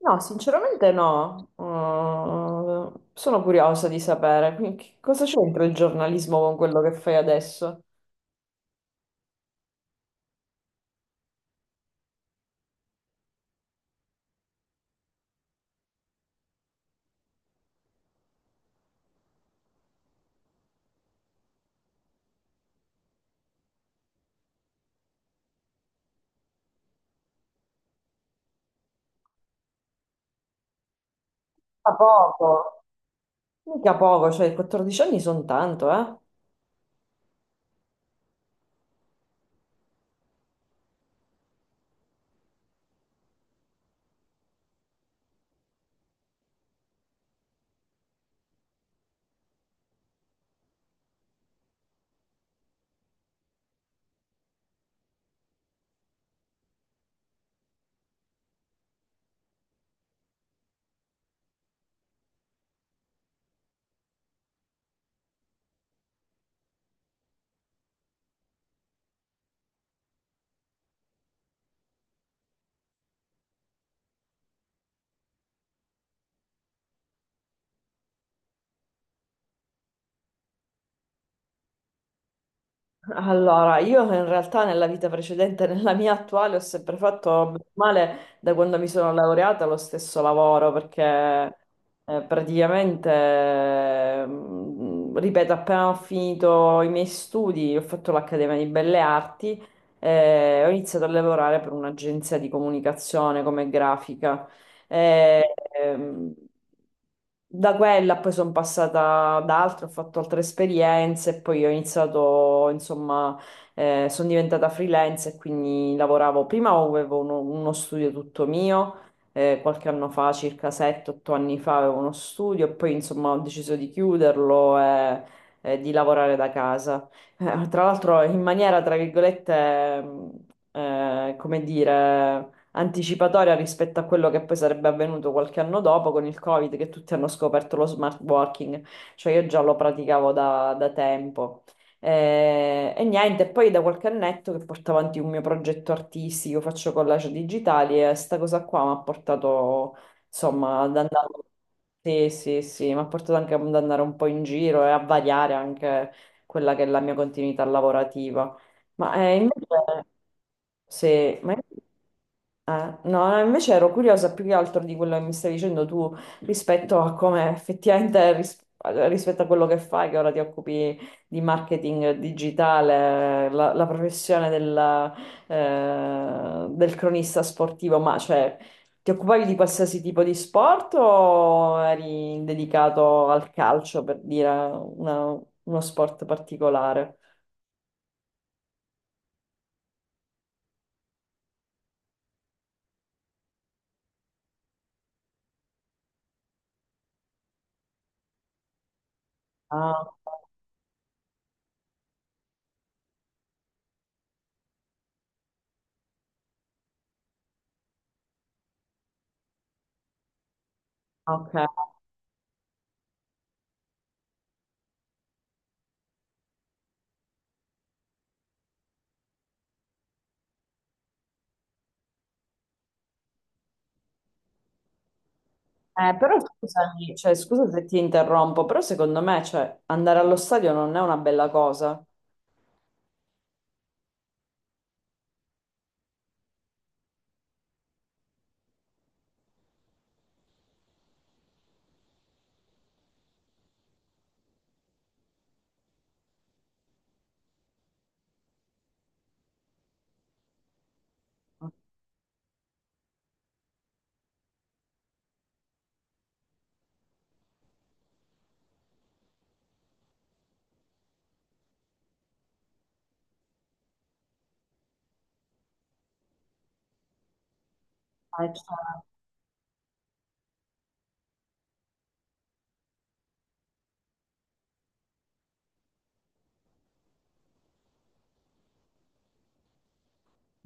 No, sinceramente no. Sono curiosa di sapere, quindi che cosa c'entra il giornalismo con quello che fai adesso? A poco, mica poco, cioè 14 anni sono tanto, eh? Allora, io in realtà nella vita precedente, nella mia attuale, ho sempre fatto bene o male da quando mi sono laureata lo stesso lavoro, perché praticamente, ripeto, appena ho finito i miei studi, ho fatto l'Accademia di Belle Arti e ho iniziato a lavorare per un'agenzia di comunicazione come grafica. Eh, ehm, Da quella poi sono passata ad altre, ho fatto altre esperienze e poi ho iniziato, insomma, sono diventata freelance e quindi lavoravo. Prima avevo uno studio tutto mio, qualche anno fa, circa 7-8 anni fa, avevo uno studio e poi, insomma, ho deciso di chiuderlo e di lavorare da casa. Tra l'altro in maniera, tra virgolette, come dire, anticipatoria rispetto a quello che poi sarebbe avvenuto qualche anno dopo con il Covid, che tutti hanno scoperto lo smart working, cioè io già lo praticavo da tempo. E niente, poi da qualche annetto che porto avanti un mio progetto artistico, faccio collage digitali e sta cosa qua mi ha portato, insomma, ad andare. Sì, sì, sì, mi ha portato anche ad andare un po' in giro e a variare anche quella che è la mia continuità lavorativa. Ma invece, se, ma- no, invece ero curiosa più che altro di quello che mi stai dicendo tu rispetto a come effettivamente rispetto a quello che fai, che ora ti occupi di marketing digitale, la professione del cronista sportivo, ma cioè ti occupavi di qualsiasi tipo di sport o eri dedicato al calcio, per dire uno sport particolare? Ah, ok. Però scusami, cioè, scusa se ti interrompo, però secondo me, cioè, andare allo stadio non è una bella cosa. Cioè,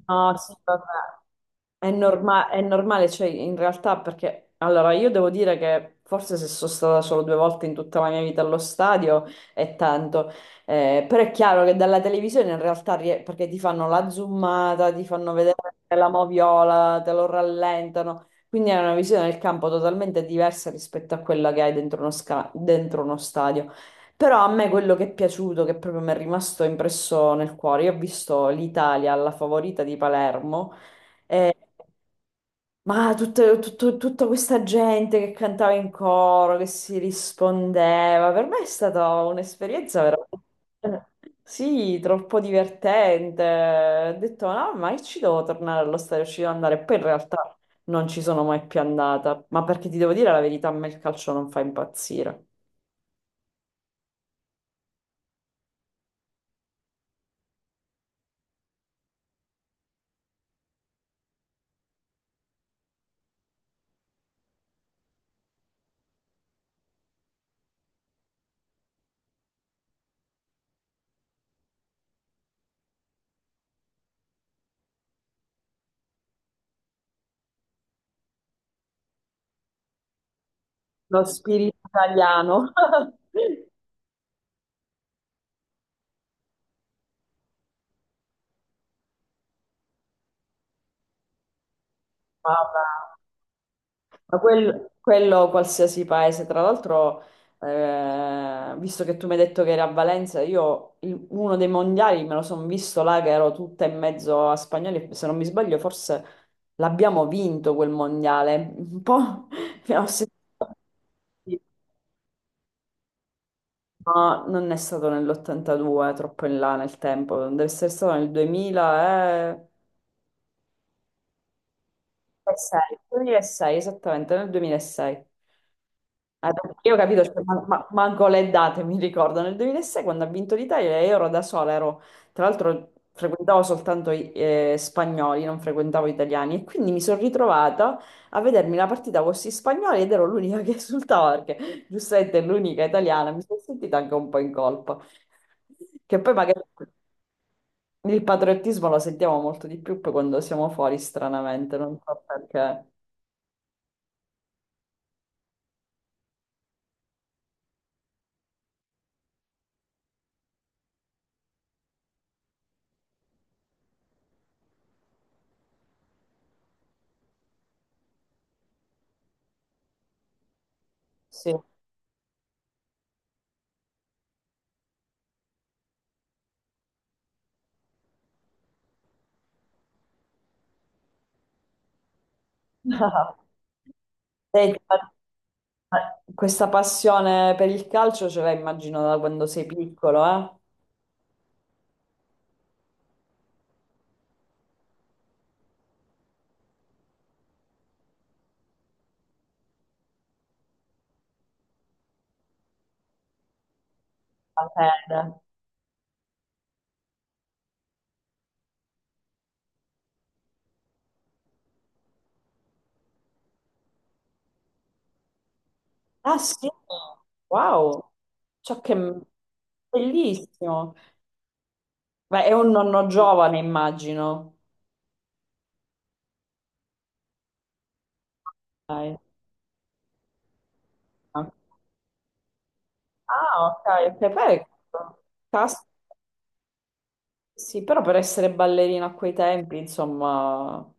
no, sì, vabbè. È normale, cioè in realtà perché allora io devo dire che forse se sono stata solo due volte in tutta la mia vita allo stadio è tanto. Però è chiaro che dalla televisione in realtà perché ti fanno la zoomata, ti fanno vedere la moviola, te lo rallentano, quindi è una visione del campo totalmente diversa rispetto a quella che hai dentro uno stadio. Però a me quello che è piaciuto, che proprio mi è rimasto impresso nel cuore, io ho visto l'Italia alla favorita di Palermo, ma tutta questa gente che cantava in coro, che si rispondeva, per me è stata un'esperienza veramente, sì, troppo divertente. Ho detto, no, ma io ci devo tornare allo stadio, ci devo andare. Poi in realtà non ci sono mai più andata, ma perché ti devo dire la verità, a me il calcio non fa impazzire. Lo spirito italiano. Vabbè. Ma quello qualsiasi paese, tra l'altro, visto che tu mi hai detto che eri a Valenza, io uno dei mondiali me lo sono visto là che ero tutta in mezzo a spagnoli, se non mi sbaglio forse l'abbiamo vinto quel mondiale, un po' mi ha ossessionato, ma non è stato nell'82, troppo in là nel tempo, deve essere stato nel 2006, 2006, esattamente nel 2006. Ah, perché io ho capito, cioè, manco le date mi ricordo. Nel 2006 quando ha vinto l'Italia io ero da sola, tra l'altro frequentavo soltanto spagnoli, non frequentavo italiani e quindi mi sono ritrovata a vedermi la partita con questi spagnoli ed ero l'unica che esultava perché giustamente è l'unica italiana, mi sono sentita anche un po' in colpa. Che poi magari il patriottismo lo sentiamo molto di più poi quando siamo fuori, stranamente, non so perché. Sì. Senti, questa passione per il calcio ce l'hai, immagino, da quando sei piccolo, eh? La fede. Ah sì? Wow! Ciò che... Bellissimo! Beh, è un nonno giovane, immagino. Dai. Ah, ok, ok. Poi, cas- sì, però per essere ballerina a quei tempi, insomma...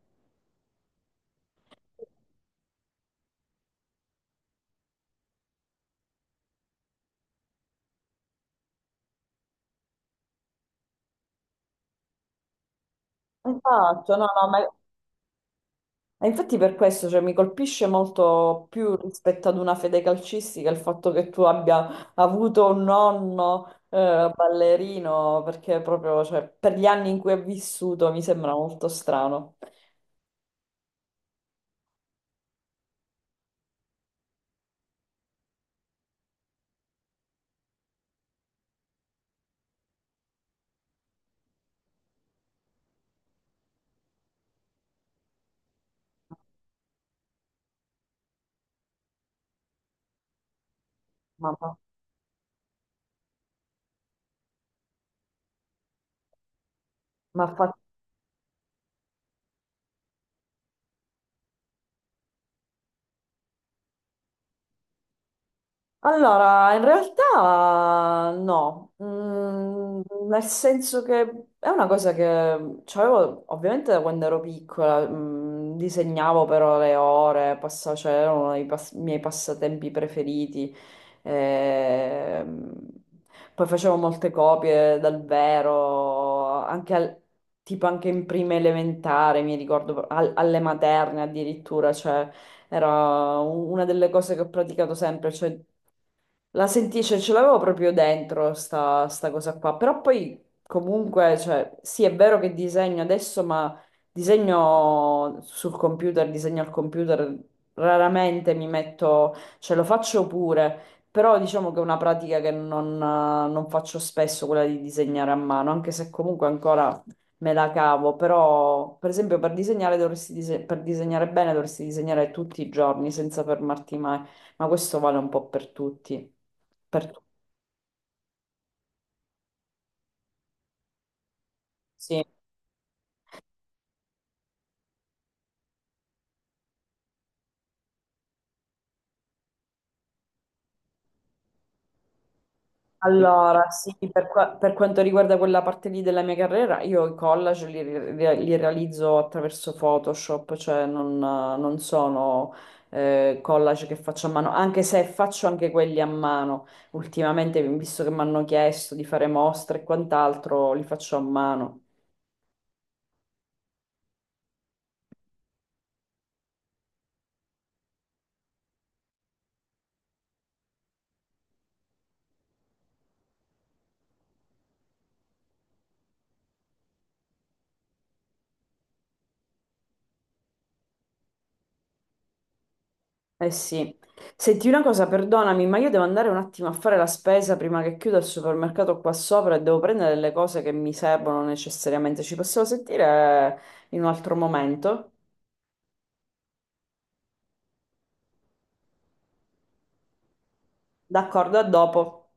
Esatto, no, no. E infatti per questo, cioè, mi colpisce molto più rispetto ad una fede calcistica il fatto che tu abbia avuto un nonno ballerino, perché proprio, cioè, per gli anni in cui è vissuto mi sembra molto strano. Ma, ma, ma. Allora, in realtà no. Nel senso che è una cosa che c'avevo ovviamente da quando ero piccola, disegnavo però le ore, cioè era uno dei miei passatempi preferiti. Ehm, Poi facevo molte copie dal vero, anche tipo anche in prima elementare, mi ricordo, alle materne addirittura, cioè... Era una delle cose che ho praticato sempre, cioè la senti, cioè, ce l'avevo proprio dentro sta cosa qua, però poi comunque, cioè, sì, è vero che disegno adesso, ma disegno sul computer, disegno al computer, raramente mi metto, cioè lo faccio pure, però diciamo che è una pratica che non, non faccio spesso, quella di disegnare a mano, anche se comunque ancora me la cavo, però per esempio per disegnare per disegnare bene dovresti disegnare tutti i giorni senza fermarti mai. Ma questo vale un po' per tutti. Per tutti, sì. Allora, sì, per, per quanto riguarda quella parte lì della mia carriera, io i collage li realizzo attraverso Photoshop, cioè non sono collage che faccio a mano, anche se faccio anche quelli a mano. Ultimamente, visto che mi hanno chiesto di fare mostre e quant'altro, li faccio a mano. Eh sì, senti una cosa, perdonami, ma io devo andare un attimo a fare la spesa prima che chiuda il supermercato qua sopra e devo prendere le cose che mi servono necessariamente. Ci possiamo sentire in un altro momento? D'accordo, a dopo.